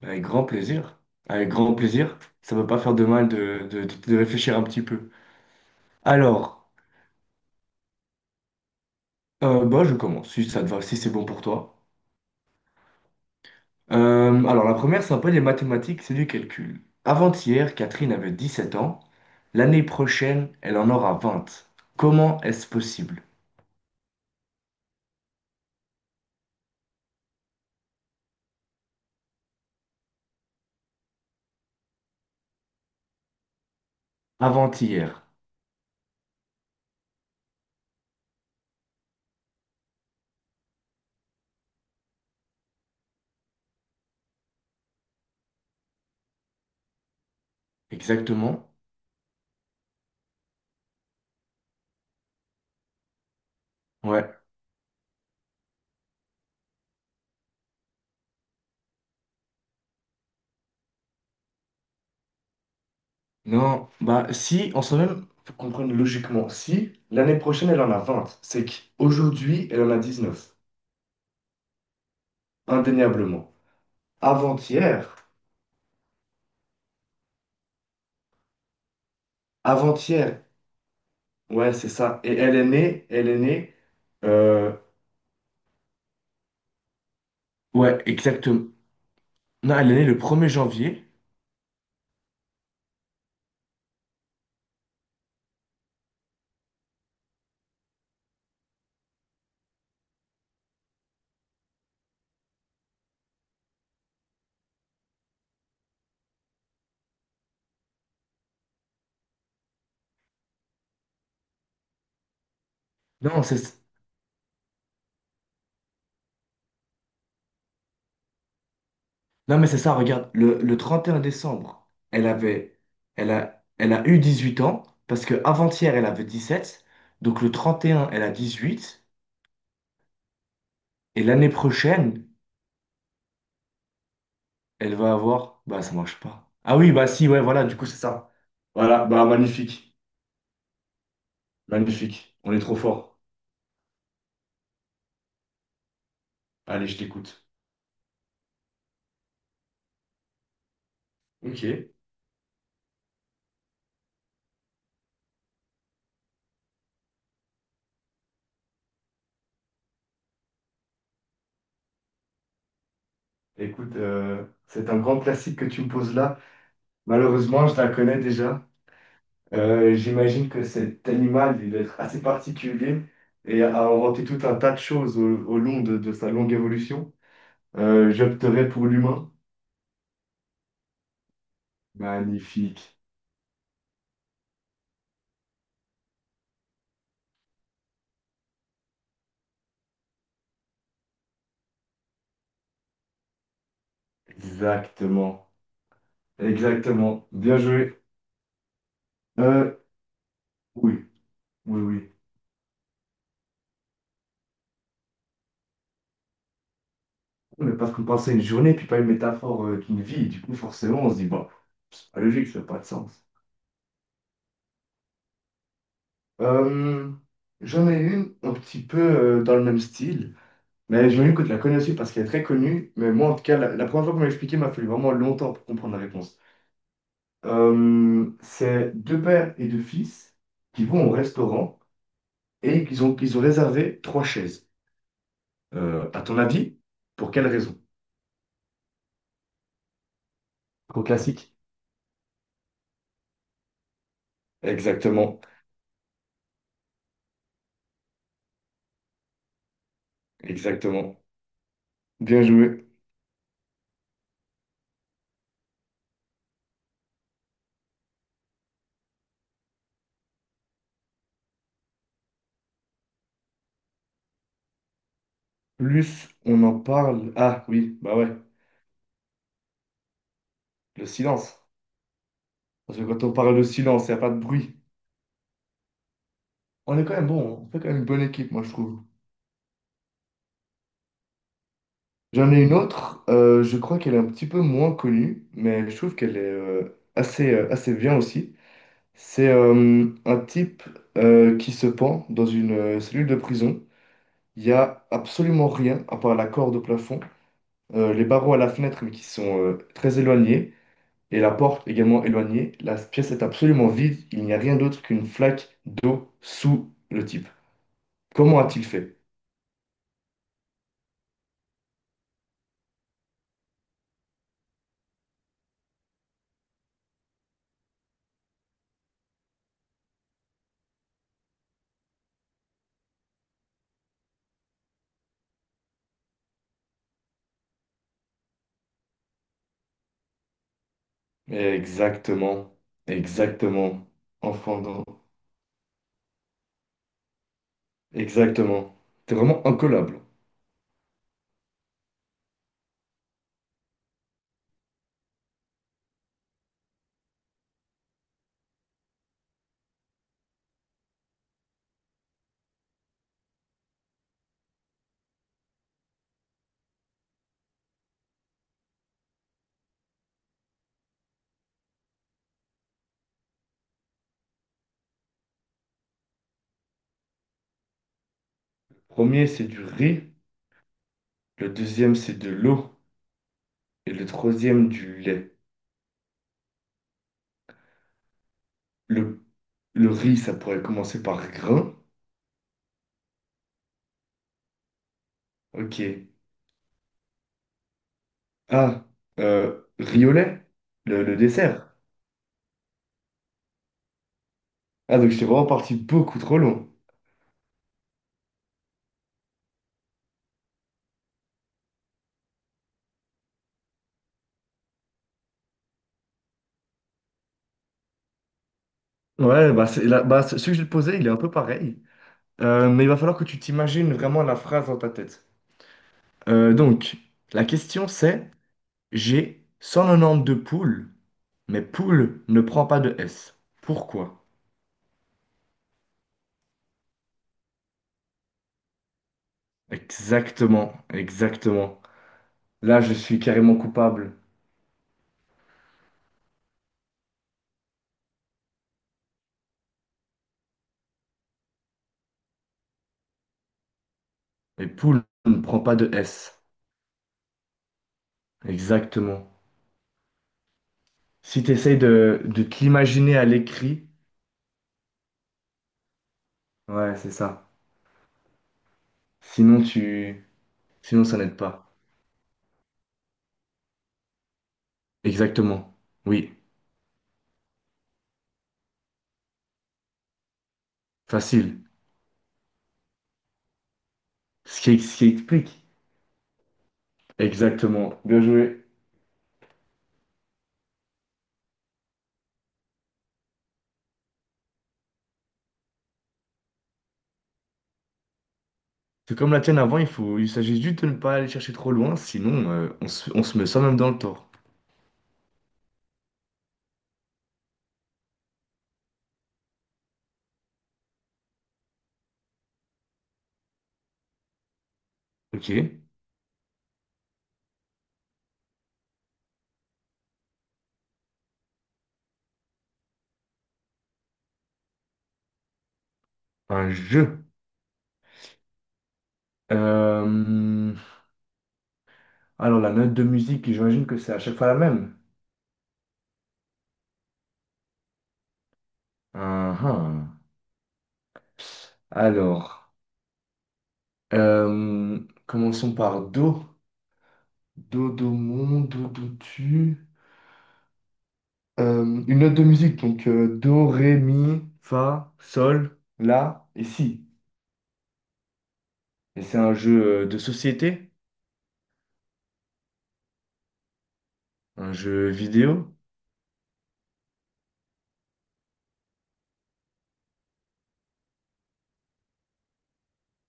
Avec grand plaisir. Avec grand plaisir. Ça ne va pas faire de mal de réfléchir un petit peu. Alors, bah, je commence, si ça te va, si c'est bon pour toi. Alors, la première, c'est un peu des mathématiques, c'est du calcul. Avant-hier, Catherine avait 17 ans. L'année prochaine, elle en aura vingt. Comment est-ce possible? Avant-hier. Exactement. Ouais. Non, bah si, en soi-même, faut comprendre logiquement. Si l'année prochaine, elle en a vingt, c'est qu'aujourd'hui, elle en a 19. Indéniablement. Avant-hier, avant-hier, ouais, c'est ça. Et elle est née, euh, ouais, exactement. Non, elle est née le premier janvier. Non, c'est, non, mais c'est ça, regarde, le 31 décembre, elle a, elle a eu 18 ans, parce que avant-hier, elle avait 17. Donc le 31, elle a 18. Et l'année prochaine, elle va avoir, bah, ça marche pas. Ah oui, bah si, ouais, voilà, du coup, c'est ça. Voilà, bah, magnifique, magnifique, on est trop fort. Allez, je t'écoute. Ok. Écoute, c'est un grand classique que tu me poses là. Malheureusement, je la connais déjà. J'imagine que cet animal, il doit être assez particulier et a inventé tout un tas de choses au, au long de sa longue évolution. J'opterais pour l'humain. Magnifique. Exactement. Exactement. Bien joué. Euh, oui, oui, oui. Mais parce qu'on pensait une journée, puis pas une métaphore d'une vie. Du coup, forcément, on se dit, bon, c'est pas logique, ça n'a pas de sens. Euh, J'en ai une un petit peu dans le même style, mais j'imagine que tu la connais aussi parce qu'elle est très connue. Mais moi, en tout cas, la première fois qu'on m'a expliqué, il m'a fallu vraiment longtemps pour comprendre la réponse. C'est deux pères et deux fils qui vont au restaurant et qu'ils ont réservé trois chaises. À ton avis, pour quelle raison? Trop classique. Exactement, exactement. Bien joué. Plus on en parle. Ah oui, bah ouais, le silence. Parce que quand on parle de silence, il n'y a pas de bruit. On est quand même bon, on fait quand même une bonne équipe, moi je trouve. J'en ai une autre, je crois qu'elle est un petit peu moins connue, mais je trouve qu'elle est assez, assez bien aussi. C'est un type qui se pend dans une cellule de prison. Il n'y a absolument rien à part la corde au plafond, les barreaux à la fenêtre mais qui sont très éloignés, et la porte également éloignée. La pièce est absolument vide, il n'y a rien d'autre qu'une flaque d'eau sous le type. Comment a-t-il fait? Exactement. Exactement. Enfant d'en- Exactement. C'est vraiment incollable. Le premier, c'est du riz. Le deuxième, c'est de l'eau. Et le troisième, du lait. Le, le riz, ça pourrait commencer par grain. Ok. Ah, riz au lait, le dessert. Ah, donc j'étais vraiment parti beaucoup trop long. Ouais, bah, bah, ce que je vais te posé, il est un peu pareil. Mais il va falloir que tu t'imagines vraiment la phrase dans ta tête. Donc, la question, c'est... J'ai 192 poules, mais poule ne prend pas de S. Pourquoi? Exactement, exactement. Là, je suis carrément coupable. Et poule ne prend pas de S. Exactement. Si tu essayes de te l'imaginer à l'écrit, ouais, c'est ça. Sinon, tu... Sinon, ça n'aide pas. Exactement. Oui, facile. Ce qui explique. Exactement. Bien joué. C'est comme la tienne avant, il faut, il s'agit juste de ne pas aller chercher trop loin, sinon on se met soi-même dans le tort. Ok, un jeu. Euh, alors, la note de musique, j'imagine que c'est à chaque fois la même. Ah, ah. Alors, euh, commençons par Do. Do, Do, mon, Do, Do, tu. Une note de musique, donc Do, Ré, Mi, Fa, Sol, La et Si. Et c'est un jeu de société, un jeu vidéo,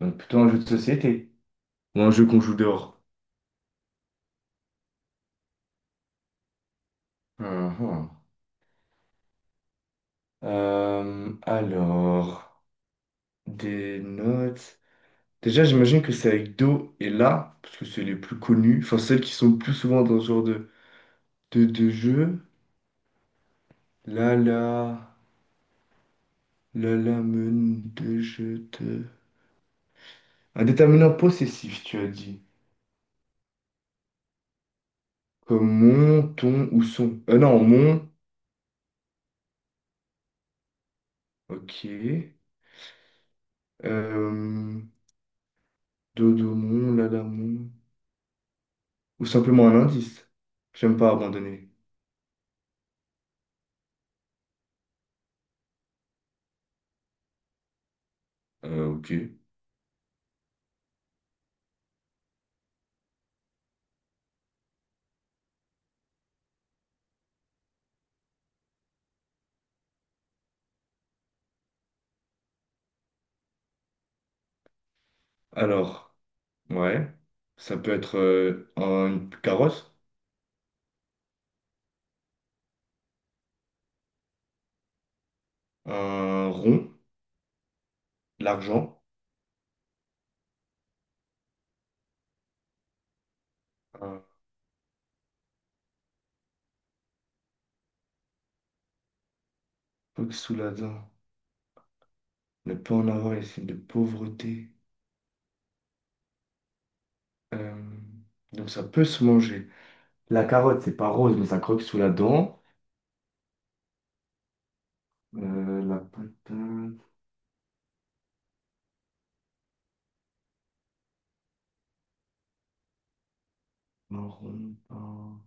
donc plutôt un jeu de société, ou un jeu qu'on joue dehors. Ah, ah. Alors. Des notes. Déjà, j'imagine que c'est avec Do et La, parce que c'est les plus connus, enfin celles qui sont le plus souvent dans ce genre de jeu. La la, la la men de je te. Un déterminant possessif, tu as dit. Comme mon, ton ou son. Non, mon, ok. Euh, Do, do, mon, la la mon. Ou simplement un indice. J'aime pas abandonner. Ok. Alors, ouais. Ça peut être une carotte. Un rond, l'argent, un truc sous la dent, ne pas en avoir les signes de pauvreté. Euh, donc ça peut se manger. La carotte, c'est pas rose, mais ça croque sous la dent. La patate, marron, pain.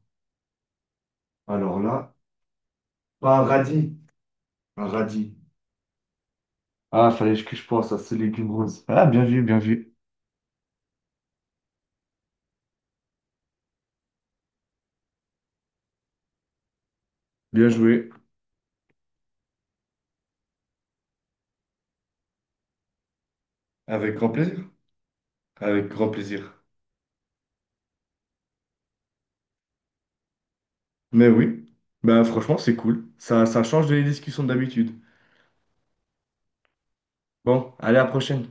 Alors là, pas un radis. Un radis. Ah, fallait que je pense à ce légume rose. Ah, bien vu, bien vu. Bien joué. Avec grand plaisir. Avec grand plaisir. Mais oui, bah franchement, c'est cool. Ça change des discussions d'habitude. Bon, allez, à la prochaine.